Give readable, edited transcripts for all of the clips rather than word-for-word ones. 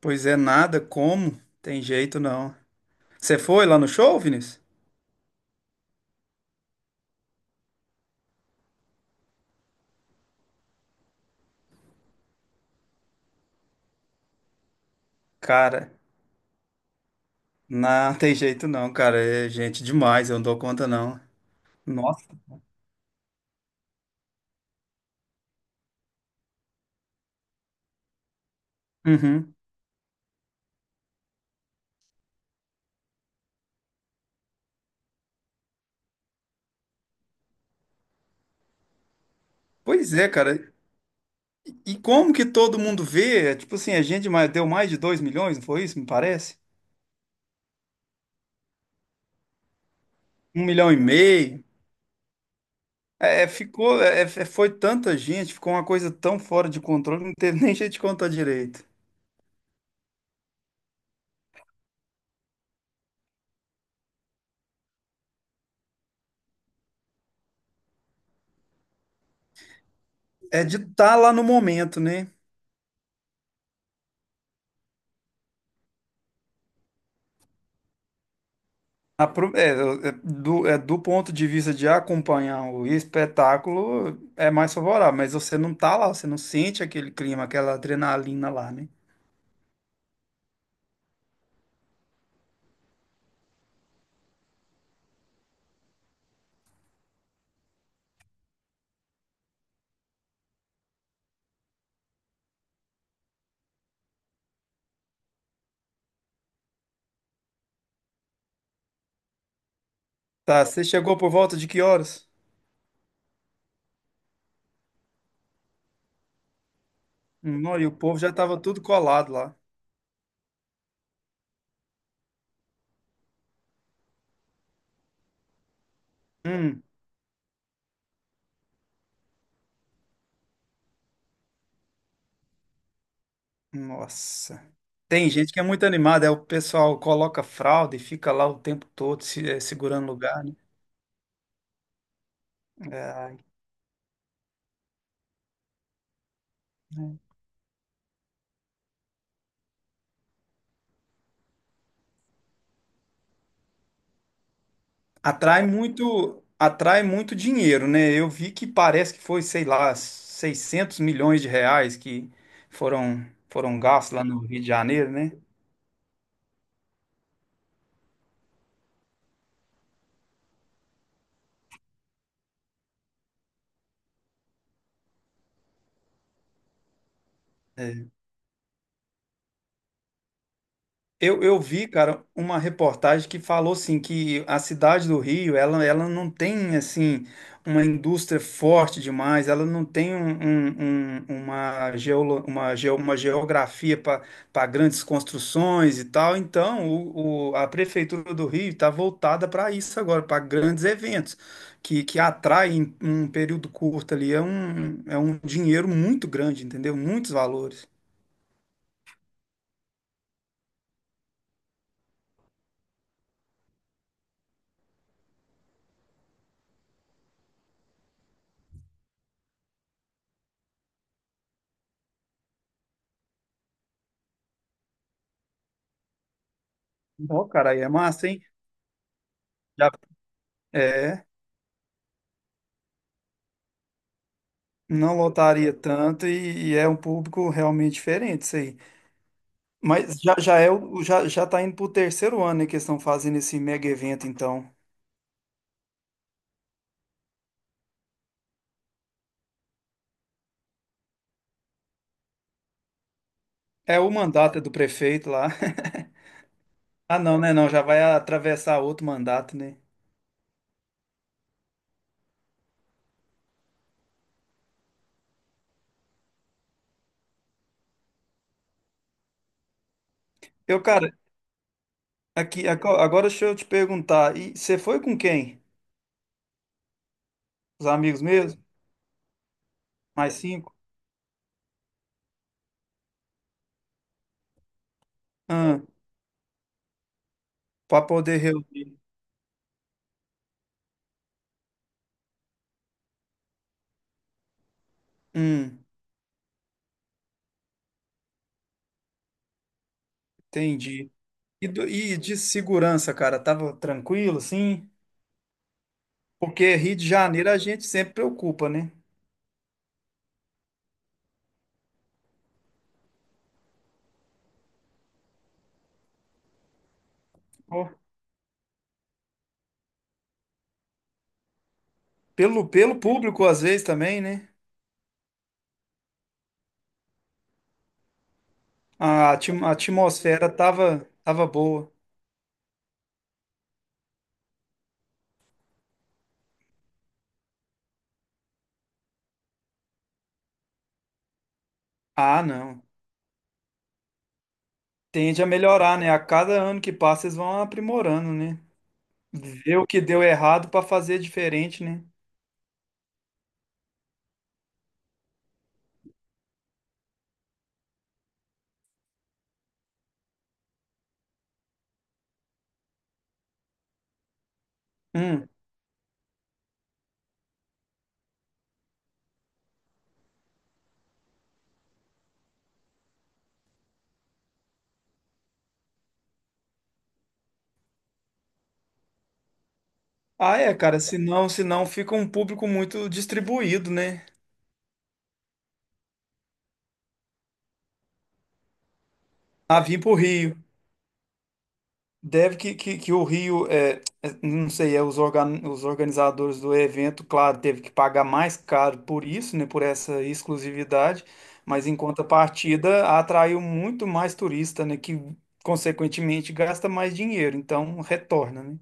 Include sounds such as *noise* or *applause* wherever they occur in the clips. Pois é, nada, como? Tem jeito não. Você foi lá no show, Vinícius? Cara, não *laughs* tem jeito não, cara. É gente demais, eu não dou conta não. Nossa. Uhum. Pois é, cara. E como que todo mundo vê? É, tipo assim, a gente deu mais de 2 milhões, não foi isso? Me parece? 1,5 milhão. Ficou, foi tanta gente, ficou uma coisa tão fora de controle, não teve *laughs* nem jeito de contar direito. É de estar lá no momento, né? A é, é, do ponto de vista de acompanhar o espetáculo, é mais favorável, mas você não tá lá, você não sente aquele clima, aquela adrenalina lá, né? Tá, você chegou por volta de que horas? Não, e o povo já tava tudo colado lá. Hum, nossa. Tem gente que é muito animada, é o pessoal coloca fralda e fica lá o tempo todo se, é, segurando lugar, né? É. Atrai muito dinheiro, né? Eu vi que parece que foi, sei lá, 600 milhões de reais que foram foram gastos lá no Rio de Janeiro, né? É. Eu vi, cara, uma reportagem que falou assim que a cidade do Rio, ela não tem assim uma indústria forte demais, ela não tem uma geografia para grandes construções e tal. Então, a prefeitura do Rio está voltada para isso agora, para grandes eventos que atraem em um período curto ali. É um dinheiro muito grande, entendeu? Muitos valores. Ó, cara, aí é massa, hein? Já, é. Não lotaria tanto e é um público realmente diferente isso aí. Mas já, já é já, já tá indo pro terceiro ano, né, que eles estão fazendo esse mega evento, então. É o mandato do prefeito lá. *laughs* Ah, não, né? Não, já vai atravessar outro mandato, né? Eu, cara, aqui, agora deixa eu te perguntar, e você foi com quem? Os amigos mesmo? Mais cinco? Ah, pra poder reunir. Hum, entendi. E de segurança, cara, tava tranquilo, sim? Porque Rio de Janeiro a gente sempre preocupa, né? Pô, pelo público, às vezes, também, né? A atmosfera tava boa. Ah, não. Tende a melhorar, né? A cada ano que passa, eles vão aprimorando, né? Ver o que deu errado para fazer diferente, né? Hum. Ah, é, cara. Senão fica um público muito distribuído, né? Ah, vim pro Rio. Deve que, que o Rio, não sei, os organizadores do evento, claro, teve que pagar mais caro por isso, né, por essa exclusividade, mas em contrapartida atraiu muito mais turista, né, que consequentemente gasta mais dinheiro, então retorna, né?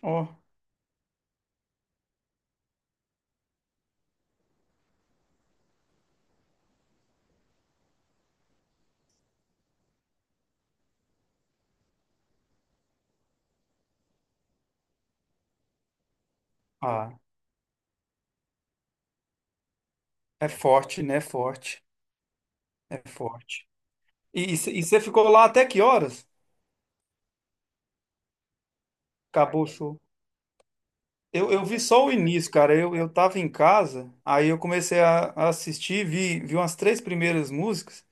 Ó, ah, é forte, né? É forte, é forte. E você ficou lá até que horas? Acabou o show. Eu vi só o início, cara. Eu tava em casa, aí eu comecei a assistir, vi umas três primeiras músicas.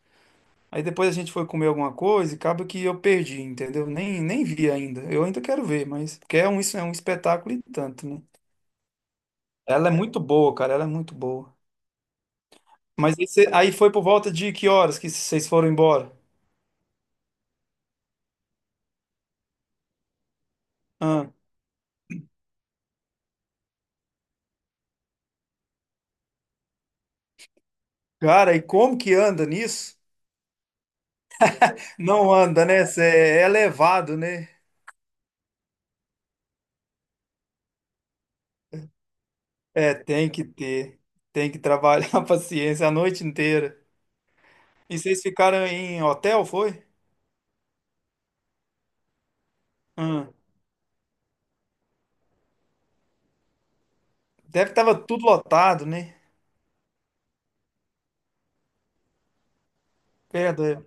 Aí depois a gente foi comer alguma coisa e acaba que eu perdi, entendeu? Nem vi ainda. Eu ainda quero ver, mas porque isso é um espetáculo e tanto, né? Ela é muito boa, cara. Ela é muito boa. Mas aí, aí foi por volta de que horas que vocês foram embora? Ah, cara, e como que anda nisso? Não anda, né? Cê é elevado, né? É, tem que ter. Tem que trabalhar *laughs* a paciência a noite inteira. E vocês ficaram em hotel, foi? Hum. Deve que tava tudo lotado, né? Perda.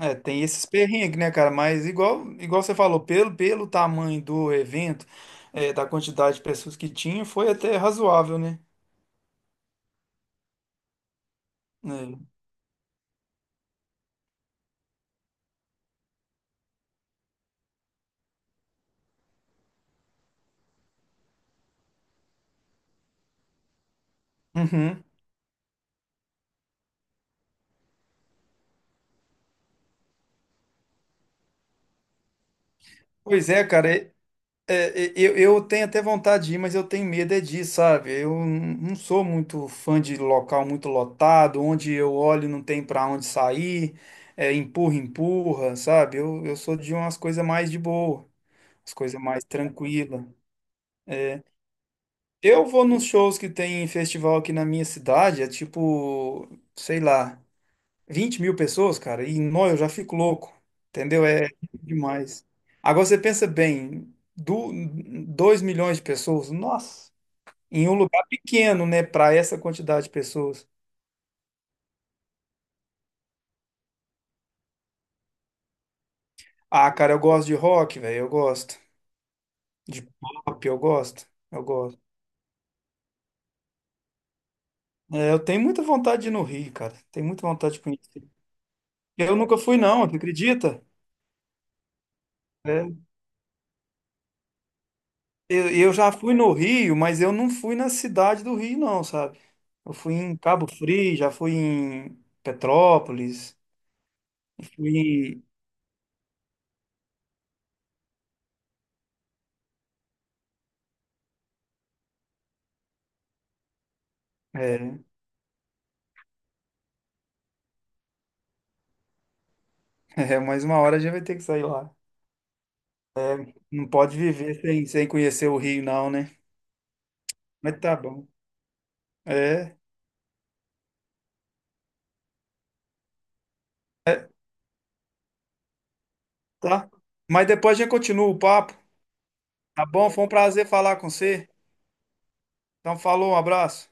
É, tem esses perrengues, né, cara? Mas igual você falou, pelo tamanho do evento, da quantidade de pessoas que tinha, foi até razoável, né? É. Uhum. Pois é, cara. É, eu tenho até vontade de ir, mas eu tenho medo é disso, sabe? Eu não sou muito fã de local muito lotado, onde eu olho e não tem para onde sair, é, empurra, empurra, sabe? Eu sou de umas coisas mais de boa, as coisas mais tranquilas. Eu vou nos shows que tem em festival aqui na minha cidade, é tipo, sei lá, 20 mil pessoas, cara, e nó, eu já fico louco, entendeu? É demais. Agora você pensa bem, do, 2 milhões de pessoas, nossa. Em um lugar pequeno, né, pra essa quantidade de pessoas. Ah, cara, eu gosto de rock, velho, eu gosto. De pop, eu gosto, eu gosto. É, eu tenho muita vontade de ir no Rio, cara. Tenho muita vontade de conhecer. Eu nunca fui, não, tu acredita? É, eu já fui no Rio, mas eu não fui na cidade do Rio, não, sabe? Eu fui em Cabo Frio, já fui em Petrópolis, fui em... É, *laughs* mais uma hora a gente vai ter que sair lá. Não pode viver sem conhecer o Rio, não, né? Mas tá bom. É. Tá? Mas depois a gente continua o papo, tá bom? Foi um prazer falar com você. Então, falou, um abraço.